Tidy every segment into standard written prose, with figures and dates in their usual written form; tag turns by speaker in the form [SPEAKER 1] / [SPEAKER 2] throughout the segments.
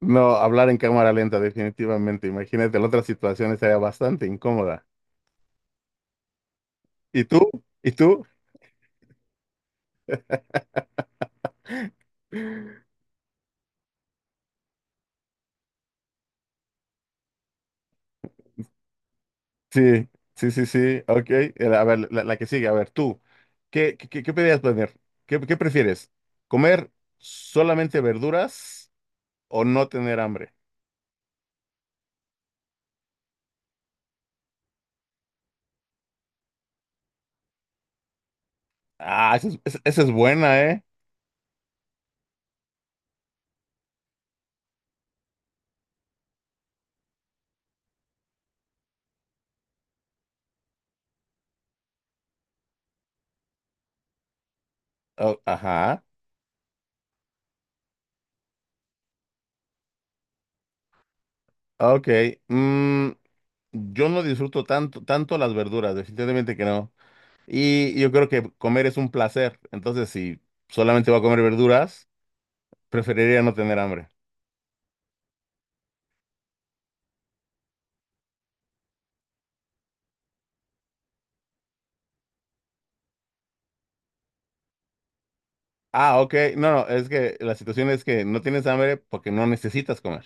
[SPEAKER 1] No, hablar en cámara lenta, definitivamente. Imagínate, la otra situación estaría bastante incómoda. ¿Y tú? ¿Y tú? Sí, sí, sí, sí. Ok. A ver, la que sigue, a ver, tú. ¿ qué pedías planear? ¿ qué prefieres? ¿Comer solamente verduras o no tener hambre? Ah, esa es, esa es buena, ¿eh? Oh, ajá. Ok. Mm, yo no disfruto tanto, tanto las verduras, definitivamente que no. Y yo creo que comer es un placer. Entonces, si solamente voy a comer verduras, preferiría no tener hambre. Ah, ok. No, no, es que la situación es que no tienes hambre porque no necesitas comer.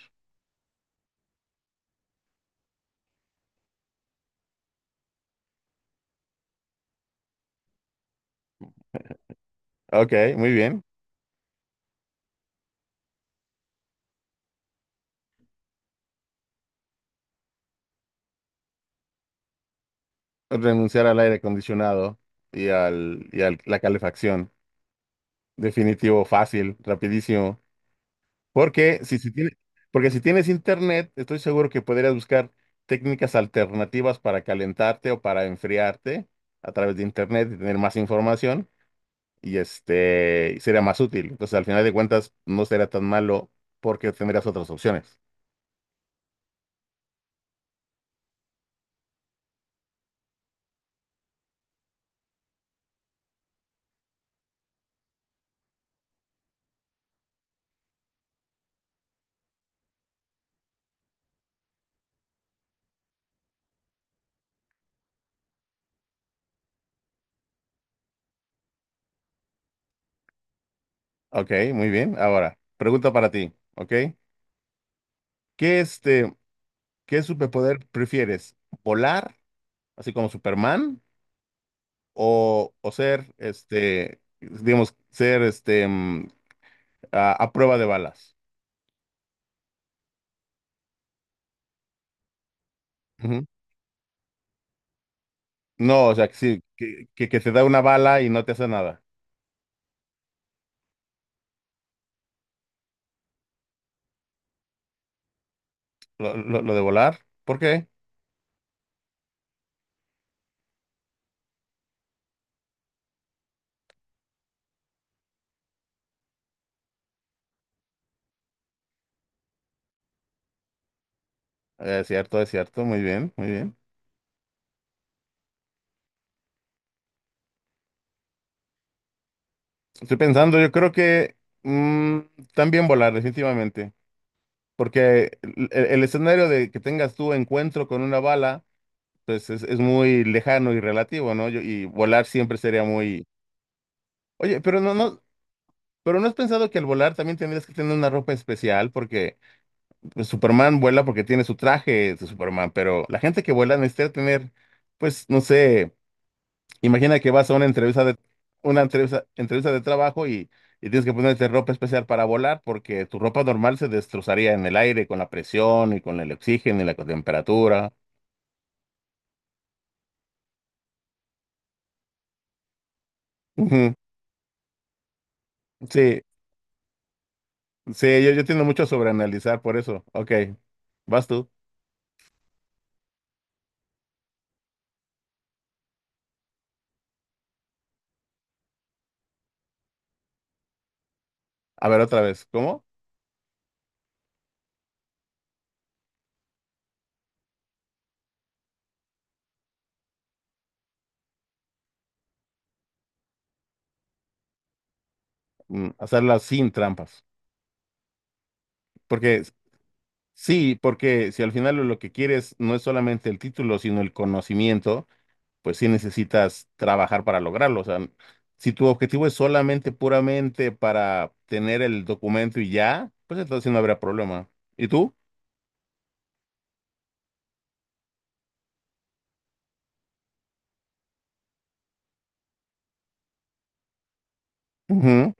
[SPEAKER 1] Ok, muy bien. Renunciar al aire acondicionado y al la calefacción. Definitivo, fácil, rapidísimo. Porque si, si tiene- Porque si tienes internet, estoy seguro que podrías buscar técnicas alternativas para calentarte o para enfriarte a través de internet y tener más información, y este sería más útil. Entonces, al final de cuentas, no será tan malo porque tendrás otras opciones. Ok, muy bien. Ahora, pregunta para ti, ¿ok? ¿Qué este, qué superpoder prefieres? ¿Volar, así como Superman, o ser este, digamos, ser este a prueba de balas? Ujú. No, o sea, que sí, que te da una bala y no te hace nada. Lo de volar, ¿por qué? Es cierto, muy bien, muy bien. Estoy pensando, yo creo que mm, también volar, definitivamente, porque el escenario de que tengas tu encuentro con una bala, pues es muy lejano y relativo, ¿no? Y volar siempre sería muy... Oye, pero no, no, pero ¿no has pensado que al volar también tendrías que tener una ropa especial? Porque pues, Superman vuela porque tiene su traje de Superman, pero la gente que vuela necesita tener, pues, no sé. Imagina que vas a una entrevista de una entrevista de trabajo y tienes que ponerte ropa especial para volar porque tu ropa normal se destrozaría en el aire con la presión y con el oxígeno y la temperatura. Ujú. Sí, sí, yo tiendo mucho a sobreanalizar por eso. Ok, vas tú. A ver otra vez, ¿cómo? Mm, hacerla sin trampas. Porque sí, porque si al final lo que quieres no es solamente el título, sino el conocimiento, pues sí necesitas trabajar para lograrlo. O sea, si tu objetivo es solamente, puramente para tener el documento y ya, pues entonces sí no habrá problema. ¿Y tú? Ujú.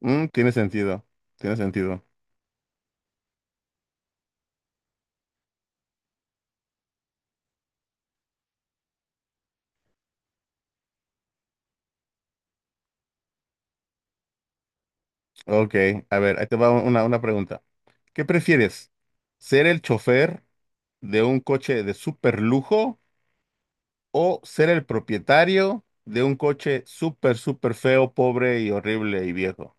[SPEAKER 1] Mm, tiene sentido, tiene sentido. Ok, a ver, ahí te va una pregunta. ¿Qué prefieres? ¿Ser el chofer de un coche de super lujo o ser el propietario de un coche súper, súper feo, pobre y horrible y viejo?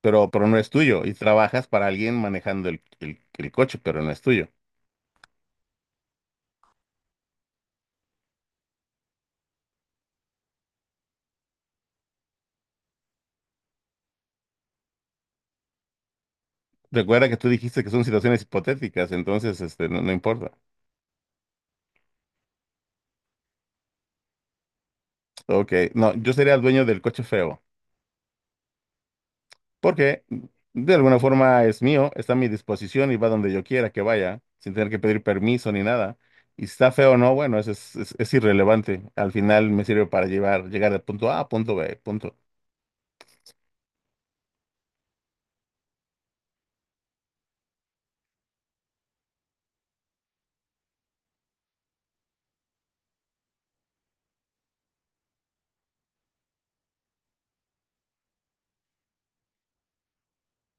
[SPEAKER 1] Pero no es tuyo y trabajas para alguien manejando el coche, pero no es tuyo. Recuerda que tú dijiste que son situaciones hipotéticas, entonces este, no, no importa. Ok, no, yo sería el dueño del coche feo, porque de alguna forma es mío, está a mi disposición y va donde yo quiera que vaya, sin tener que pedir permiso ni nada. Y si está feo o no, bueno, eso es irrelevante. Al final me sirve para llevar, llegar de punto A a punto B, punto.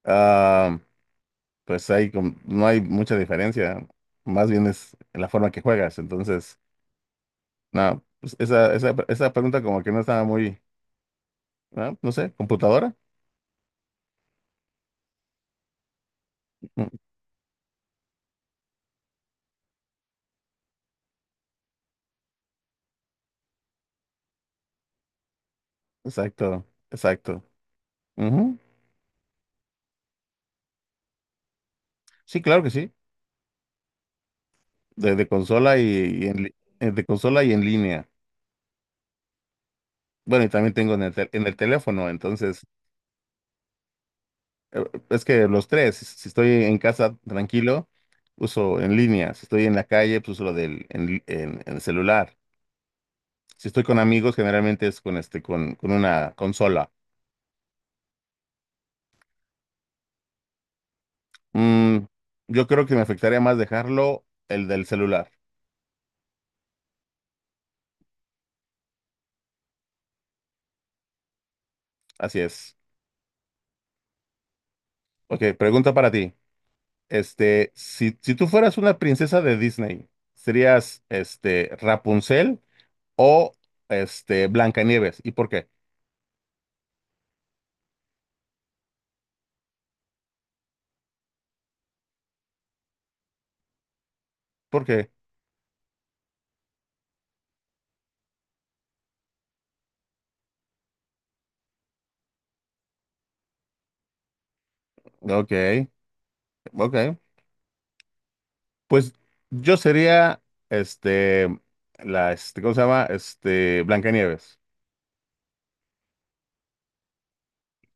[SPEAKER 1] Ah, pues ahí no hay mucha diferencia, más bien es la forma que juegas, entonces... No, pues esa pregunta como que no estaba muy, ¿no? No sé, computadora. Mm, exacto, exacto. Ujú. Sí, claro que sí. De consola y, y en, li- de consola y en línea. Bueno, y también tengo en en el teléfono, entonces, eh, es que los tres, si si estoy en casa tranquilo, uso en línea. Si estoy en la calle, pues uso lo del en el celular. Si estoy con amigos, generalmente es con este, con una consola. Mm, yo creo que me afectaría más dejarlo el del celular. Así es. Ok, pregunta para ti. Este, si, si tú fueras una princesa de Disney, ¿serías este Rapunzel o este Blancanieves? ¿Y por qué? ¿Por qué? Ok, ok. Pues yo sería este la este, ¿cómo se llama? Este Blancanieves.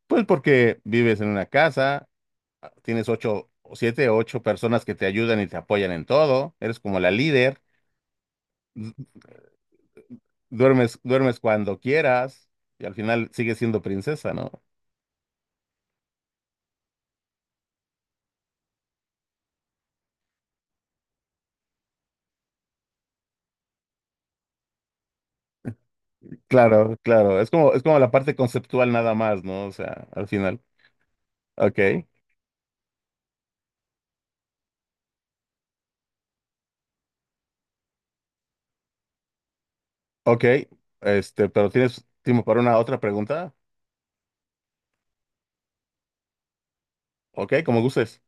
[SPEAKER 1] Pues porque vives en una casa, tienes ocho, siete, ocho personas que te ayudan y te apoyan en todo, eres como la líder. Duermes, duermes cuando quieras y al final sigues siendo princesa, ¿no? Claro, claro. Es como la parte conceptual nada más, ¿no? O sea, al final. Ok, ok. Este, pero ¿tienes tiempo para una otra pregunta? Ok, como gustes.